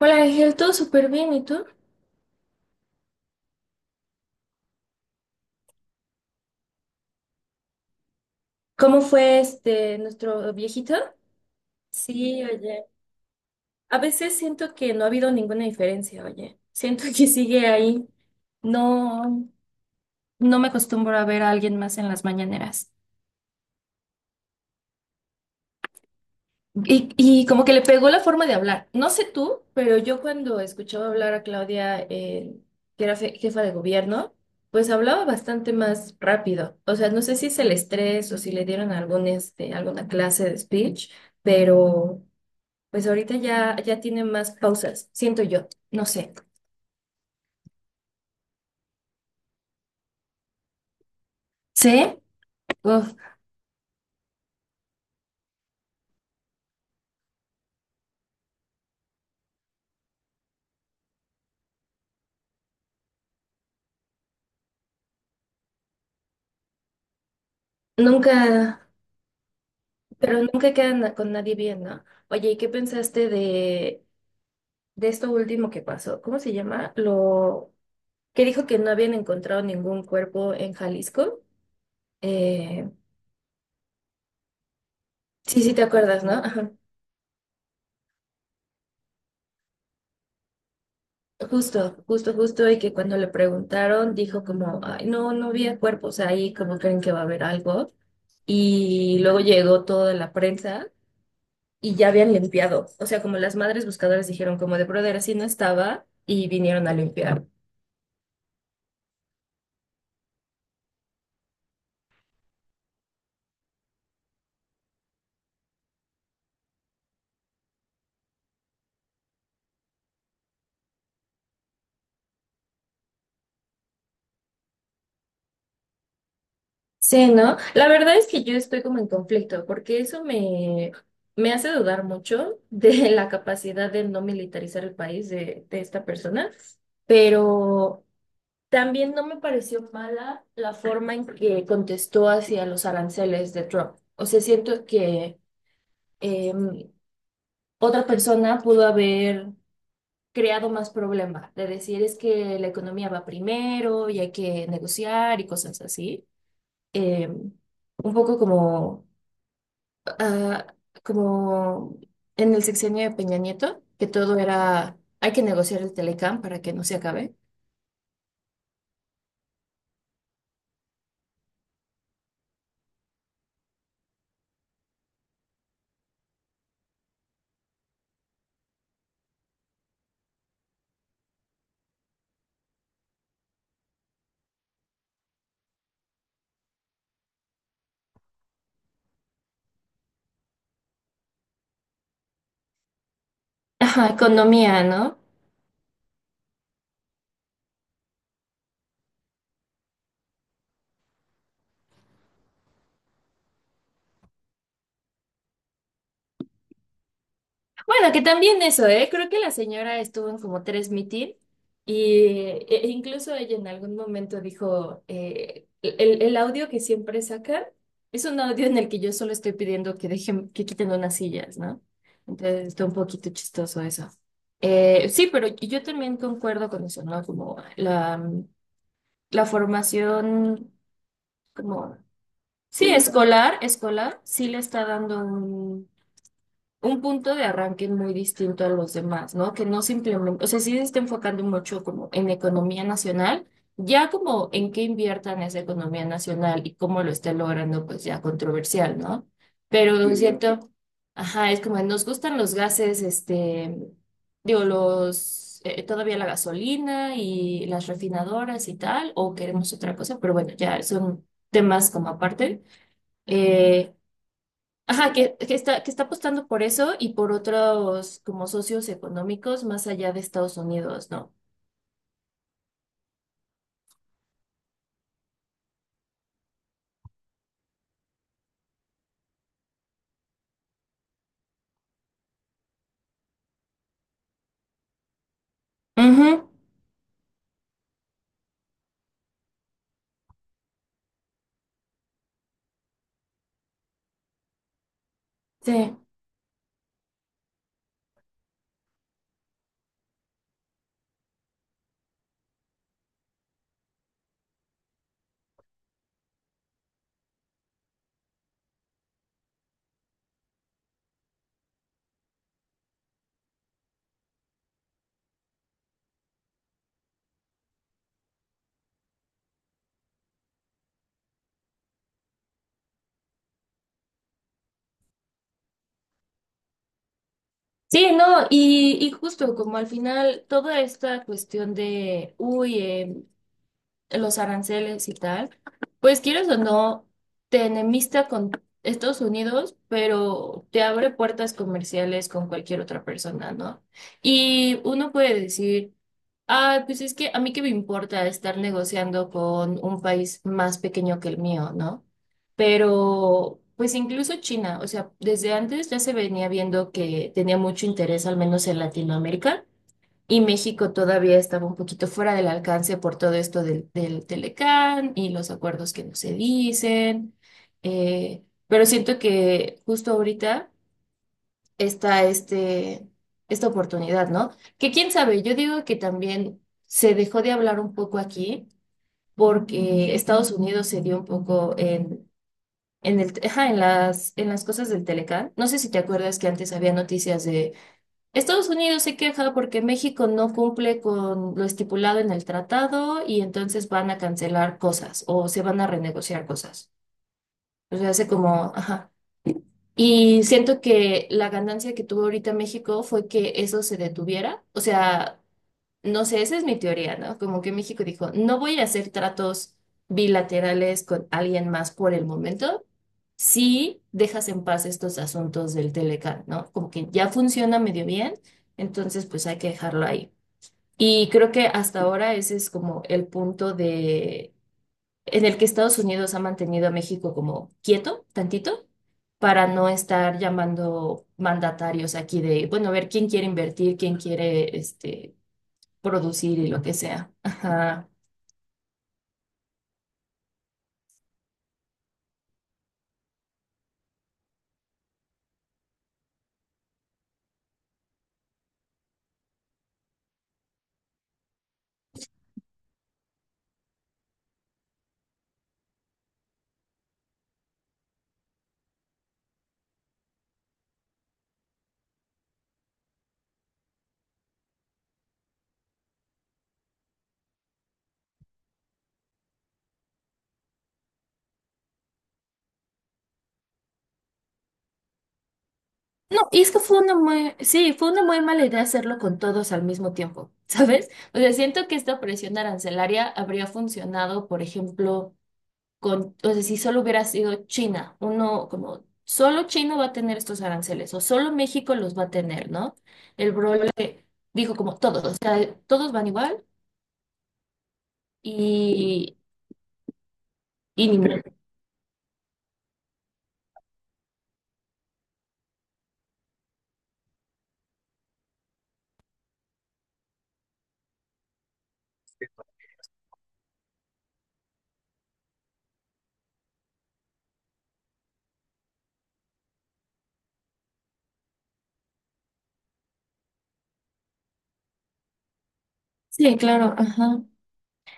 Hola Ángel, todo súper bien, ¿y tú? ¿Cómo fue este nuestro viejito? Sí, oye. A veces siento que no ha habido ninguna diferencia, oye. Siento que sigue ahí. No, no me acostumbro a ver a alguien más en las mañaneras. Y como que le pegó la forma de hablar. No sé tú, pero yo cuando escuchaba hablar a Claudia, que era jefa de gobierno, pues hablaba bastante más rápido. O sea, no sé si es el estrés o si le dieron algún, este, alguna clase de speech, pero pues ahorita ya tiene más pausas, siento yo. No sé. ¿Sí? Uf, nunca, pero nunca quedan con nadie bien, ¿no? Oye, ¿y qué pensaste de esto último que pasó? ¿Cómo se llama? Lo que dijo que no habían encontrado ningún cuerpo en Jalisco. Eh, sí, sí te acuerdas, ¿no? Ajá. Justo, justo, justo, y que cuando le preguntaron dijo como, ay, no, no había cuerpos ahí, como creen que va a haber algo. Y luego llegó toda la prensa y ya habían limpiado. O sea, como las madres buscadoras dijeron como de brother, así no estaba y vinieron a limpiar. Sí, ¿no? La verdad es que yo estoy como en conflicto, porque eso me hace dudar mucho de la capacidad de no militarizar el país de esta persona, pero también no me pareció mala la forma en que contestó hacia los aranceles de Trump. O sea, siento que em, otra persona pudo haber creado más problema, de decir es que la economía va primero y hay que negociar y cosas así. Em, un poco como ah, como en el sexenio de Peña Nieto, que todo era, hay que negociar el Telecam para que no se acabe. Ajá, economía, ¿no? Bueno, que también eso, ¿eh? Creo que la señora estuvo en como tres mitin y e incluso ella en algún momento dijo, el audio que siempre sacan es un audio en el que yo solo estoy pidiendo que dejen, que quiten unas sillas, ¿no? Entonces está un poquito chistoso eso. Sí, pero yo también concuerdo con eso, ¿no? Como la formación como, sí, escolar, escolar, sí le está dando un punto de arranque muy distinto a los demás, ¿no? Que no simplemente, o sea, sí se está enfocando mucho como en economía nacional, ya como en qué inviertan esa economía nacional y cómo lo está logrando, pues ya controversial, ¿no? Pero es Sí, cierto, ajá, es como nos gustan los gases, digo, los, todavía la gasolina y las refinadoras y tal, o queremos otra cosa, pero bueno, ya son temas como aparte. Ajá, que está apostando por eso y por otros como socios económicos más allá de Estados Unidos, ¿no? Ujú, sí. Sí, no, y justo como al final toda esta cuestión de, uy, los aranceles y tal, pues quieres o no, te enemista con Estados Unidos, pero te abre puertas comerciales con cualquier otra persona, ¿no? Y uno puede decir, ah, pues es que a mí qué me importa estar negociando con un país más pequeño que el mío, ¿no? Pero, pues incluso China, o sea, desde antes ya se venía viendo que tenía mucho interés, al menos en Latinoamérica. Y México todavía estaba un poquito fuera del alcance por todo esto del, del Telecán y los acuerdos que no se dicen. Pero siento que justo ahorita está esta oportunidad, ¿no? Que quién sabe, yo digo que también se dejó de hablar un poco aquí porque Estados Unidos se dio un poco ajá, en las cosas del Telecán. No sé si te acuerdas que antes había noticias de Estados Unidos se queja porque México no cumple con lo estipulado en el tratado y entonces van a cancelar cosas o se van a renegociar cosas. O sea, hace como, ajá. Y siento que la ganancia que tuvo ahorita México fue que eso se detuviera. O sea, no sé, esa es mi teoría, ¿no? Como que México dijo, no voy a hacer tratos bilaterales con alguien más por el momento si dejas en paz estos asuntos del Telecán, ¿no? Como que ya funciona medio bien, entonces pues hay que dejarlo ahí. Y creo que hasta ahora ese es como el punto de en el que Estados Unidos ha mantenido a México como quieto, tantito, para no estar llamando mandatarios aquí de, bueno, a ver quién quiere invertir, quién quiere este producir y lo que sea. Ajá. No, y es que fue sí, fue una muy mala idea hacerlo con todos al mismo tiempo, ¿sabes? O sea, siento que esta presión arancelaria habría funcionado, por ejemplo, o sea, si solo hubiera sido China, uno como solo China va a tener estos aranceles o solo México los va a tener, ¿no? El Brole dijo como todos, o sea, todos van igual y, y ni modo. Sí, claro, ajá.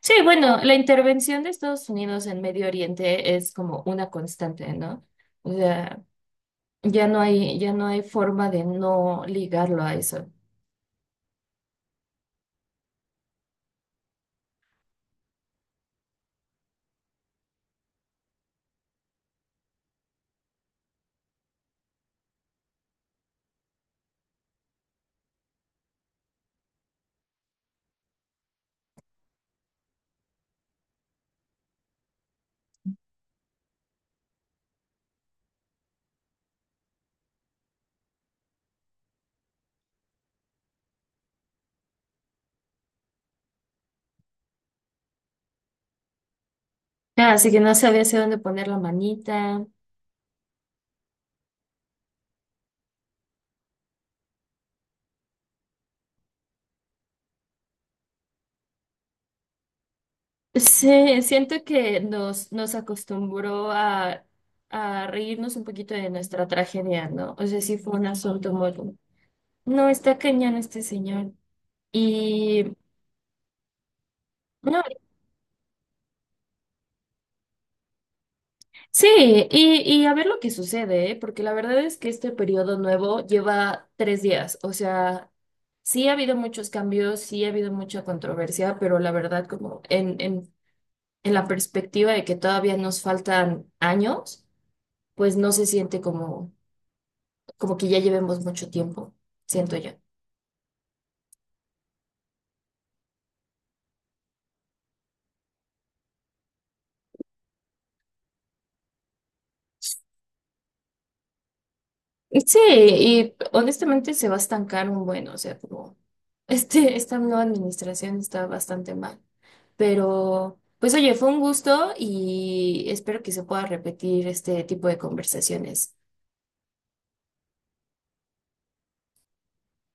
Sí, bueno, la intervención de Estados Unidos en Medio Oriente es como una constante, ¿no? O sea, ya no hay forma de no ligarlo a eso. Ah, así que no sabía hacia dónde poner la manita. Sí, siento que nos acostumbró a reírnos un poquito de nuestra tragedia, ¿no? O sea, sí fue un asunto muy. No, está cañón este señor. Y... no. Sí, y a ver lo que sucede, ¿eh? Porque la verdad es que este periodo nuevo lleva 3 días. O sea, sí ha habido muchos cambios, sí ha habido mucha controversia, pero la verdad, como en la perspectiva de que todavía nos faltan años, pues no se siente como que ya llevemos mucho tiempo, siento yo. Sí, y honestamente se va a estancar un buen, o sea, como esta nueva administración está bastante mal. Pero, pues oye, fue un gusto y espero que se pueda repetir este tipo de conversaciones.